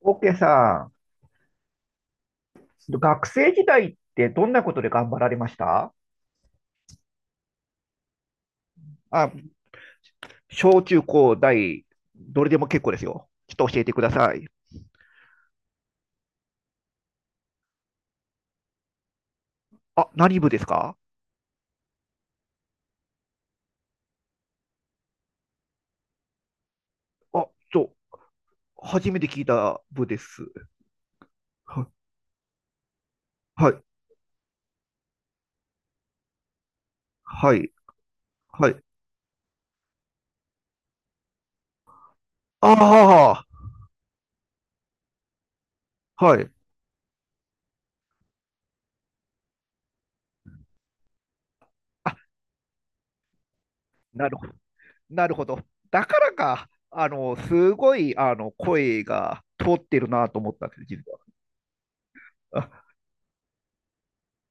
オッケーさん、学生時代ってどんなことで頑張られました？あ、小中高大、どれでも結構ですよ。ちょっと教えてください。あ、何部ですか？あ、ちょ、初めて聞いた部です。は、はい、はい、はい。ああ、はい。あ、なるほど、なるほど。だからか、すごい、声が通ってるなと思ったんですよ、実は。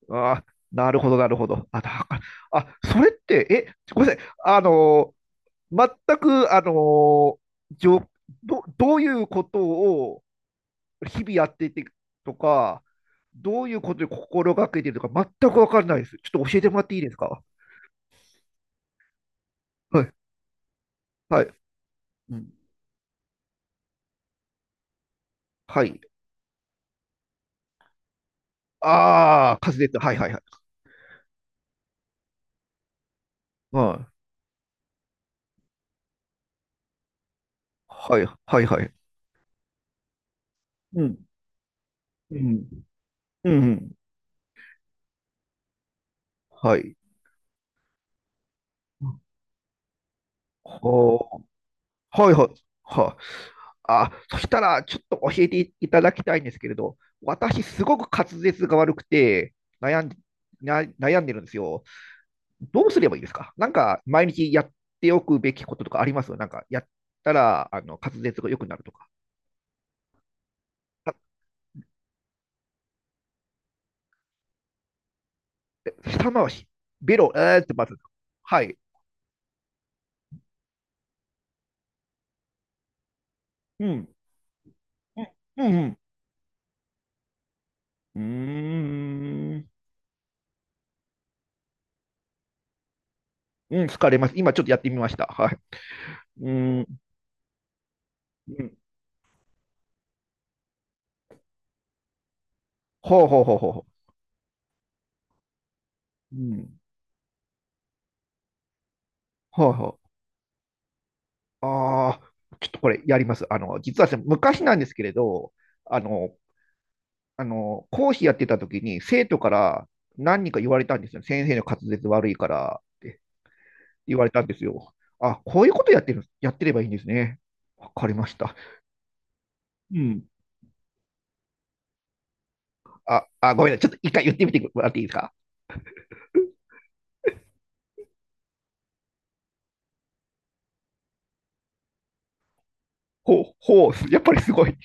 あ、あー、なるほど、なるほど。あ、だから、あ、それって、え、ごめんなさい。全く、じょど、どういうことを日々やっていてとか、どういうことを心がけているとか、全くわかんないです。ちょっと教えてもらっていいですか？はい、はい、うん。はい。ああ、滑舌。はい、はい、はい。はい、はい、はいはい。うん。うん。うん。はい。はあ、はい、はい。はあ、あ、そしたら、ちょっと教えていただきたいんですけれど、私、すごく滑舌が悪くて悩んで、な悩んでるんですよ。どうすればいいですか？なんか、毎日やっておくべきこととかあります？なんか、やったら、滑舌が良くなるとか。だって舌回し、ベロ、えーってまず、はい、うん。うん。うん。うん。うーん。うん、疲れます。今ちょっとやってみました。はい。うーん。うん。ほうほうほうほう。うん、ほうほう。ああ、ちょっとこれやります。あの、実はですね、昔なんですけれど、あの、講師やってた時に生徒から何人か言われたんですよ。先生の滑舌悪いからって言われたんですよ。あ、こういうことやってる、やってればいいんですね。わかりました。うん。あ、あ、ごめんなさい。ちょっと一回言ってみてもらっていいですか？ほう、ほう、やっぱりすごい。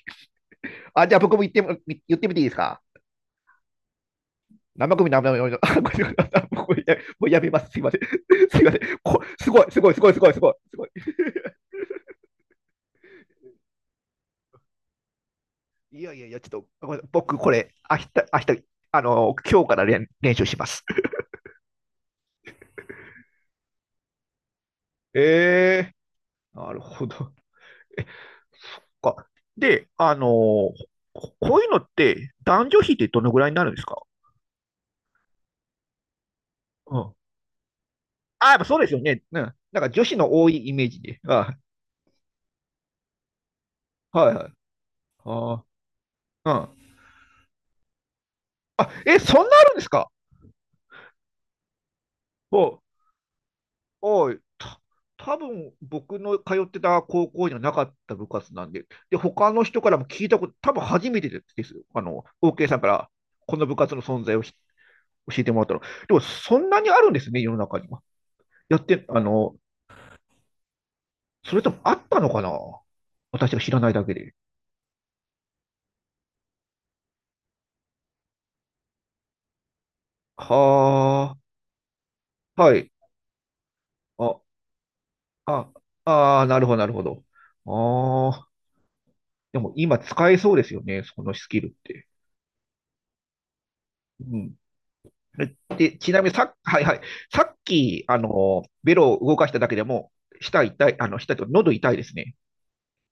あ、じゃあ僕も言っても、言ってみていいですか？生首生首、あ、ごめんなさい。もうやめます。すいません。すいません。こ、すごい、すごい、すごい、すごい、すごい。すごい、いやいやいや、ちょっと、ごめんなさい僕、これ、明日、明日、今日から練、練習します。ええ、なるほど。え、か。で、こ、こういうのって、男女比ってどのぐらいになるんですか？うん。あ、やっぱそうですよね。うん。なんか女子の多いイメージで。あ、はいはい。あー、うん。あ、え、そんなあるんですか？お、はい、た、多分僕の通ってた高校にはなかった部活なんで、で、他の人からも聞いたこと、多分初めてですよ。あの、OK さんからこの部活の存在をひ、教えてもらったの。でも、そんなにあるんですね、世の中には。やって、それともあったのかな、私が知らないだけで。はあ、はい。あ、あ、ああ、なるほど、なるほど。ああ、でも今使えそうですよね、そのスキルって。うん、で、ちなみにさ、はいはい、さっき、ベロを動かしただけでも、舌痛い、舌というか喉痛いですね。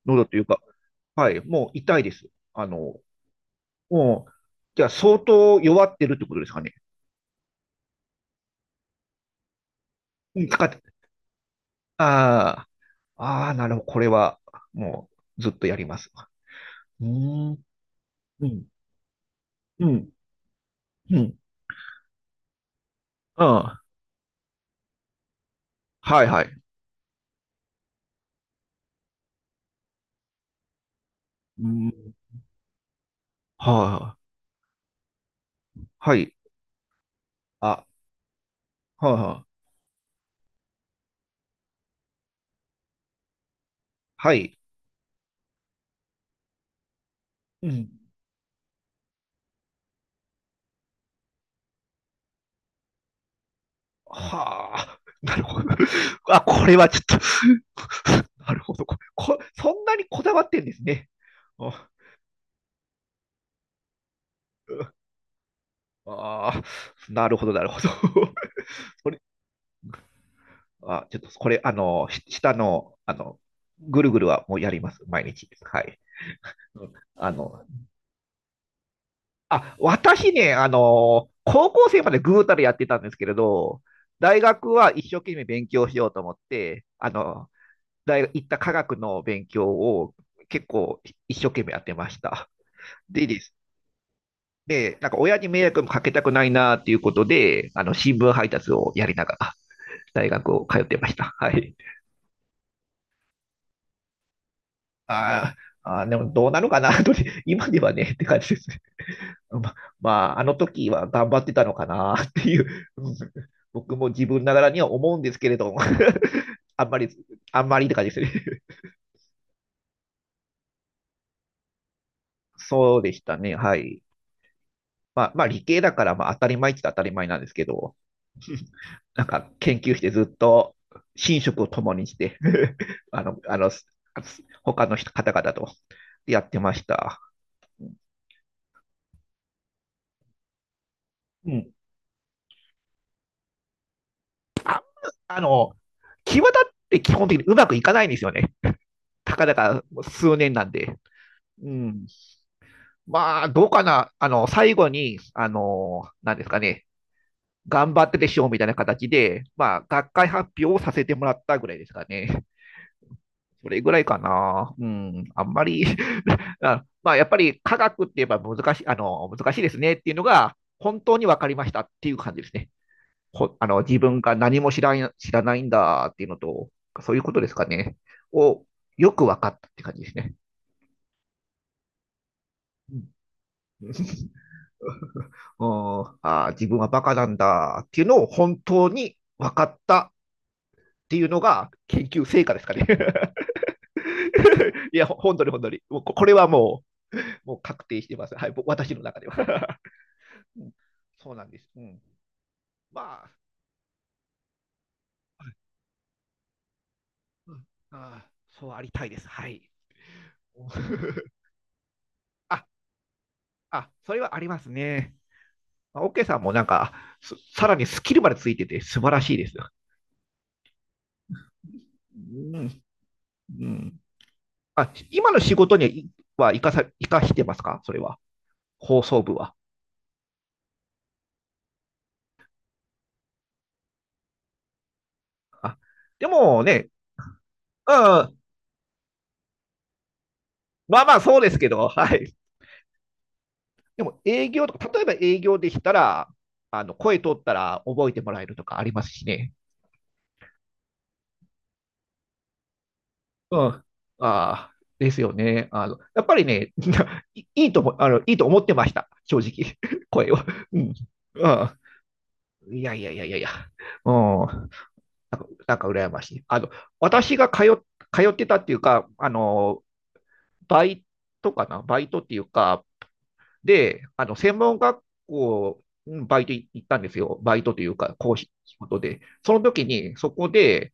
喉というか、はい、もう痛いです。あの、もう、じゃあ相当弱ってるってことですかね。うん使って、ああ、ああ、なるほど、これは、もう、ずっとやります。うーん、うん、うん、うん、うん、はいはい。うん、はい、はい、あ、はい、はい、はい、うん。はあ、なるほど。あ、これはちょっと なるほど。ここそんなにこだわってんですね。あ、あー、なるほど、なるほど。これ、あ、ちょっとこれ、し下の、ぐるぐるはもうやります、毎日。はい。うん、あの、あ、私ね、あの、高校生までぐうたらやってたんですけれど、大学は一生懸命勉強しようと思って、大学行った科学の勉強を結構一生懸命やってました。でです。で、なんか親に迷惑もかけたくないなっていうことで、あの新聞配達をやりながら大学を通ってました。はい。あーあー、でもどうなのかな、と今ではねって感じですね。ま、まあ、あの時は頑張ってたのかなっていう、うん、僕も自分ながらには思うんですけれども、 あんまり、あんまりって感じですね。そうでしたね。はい。まあ、まあ理系だからまあ当たり前って言ったら当たり前なんですけど、なんか研究してずっと寝食を共にして あの、あの、他の人方々とやってました。うん。あの、際立って基本的にうまくいかないんですよね。たかだか数年なんで。うん。まあ、どうかな。最後に、なんですかね。頑張ってでしょうみたいな形で、まあ、学会発表をさせてもらったぐらいですかね。それぐらいかな。うん、あんまり あ、まあ、やっぱり科学って言えば難しい、難しいですねっていうのが、本当に分かりましたっていう感じですね。ほ、あの自分が何も知らん、知らないんだっていうのと、そういうことですかね。を、よく分かったって感じですね。うん、うん、あー自分はバカなんだっていうのを本当に分かったっていうのが研究成果ですかね。いや、ほ本当に本当に。もうこ、これはもうもう確定してます。はい、僕、私の中では。うん、そうなんです。うん、まあ、うん、あ、そうありたいです。はい。あ、あ、それはありますね。まあオッケーさんもなんか、さらにスキルまでついてて素晴らしいです。うん、うん。あ、今の仕事にはは生かさ、生かしてますか？それは。放送部は。あ、でもね、うん、まあまあそうですけど、はい。でも営業とか、例えば営業でしたら、声通ったら覚えてもらえるとかありますしね。うん。ああ、ですよね。あの、やっぱりね、いいいとも、いいと思ってました。正直。声はうん。ああ、いやいやいやいやいや。うん。なんか、なんか羨ましい。あの、私が通っ、通ってたっていうか、バイトかなバイトっていうか、で、専門学校、うんバイトい行ったんですよ。バイトというか、講師仕事で。その時に、そこで、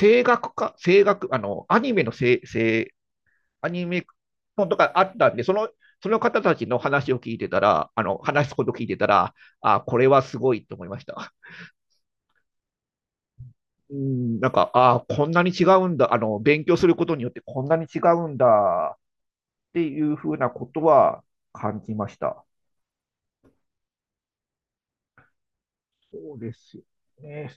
声楽か、声楽、アニメの声、声、アニメ本とかあったんで、その、その方たちの話を聞いてたら、話すこと聞いてたら、あ、これはすごいと思いました。うん、なんか、あ、こんなに違うんだ、勉強することによってこんなに違うんだっていうふうなことは感じました。そうですよね。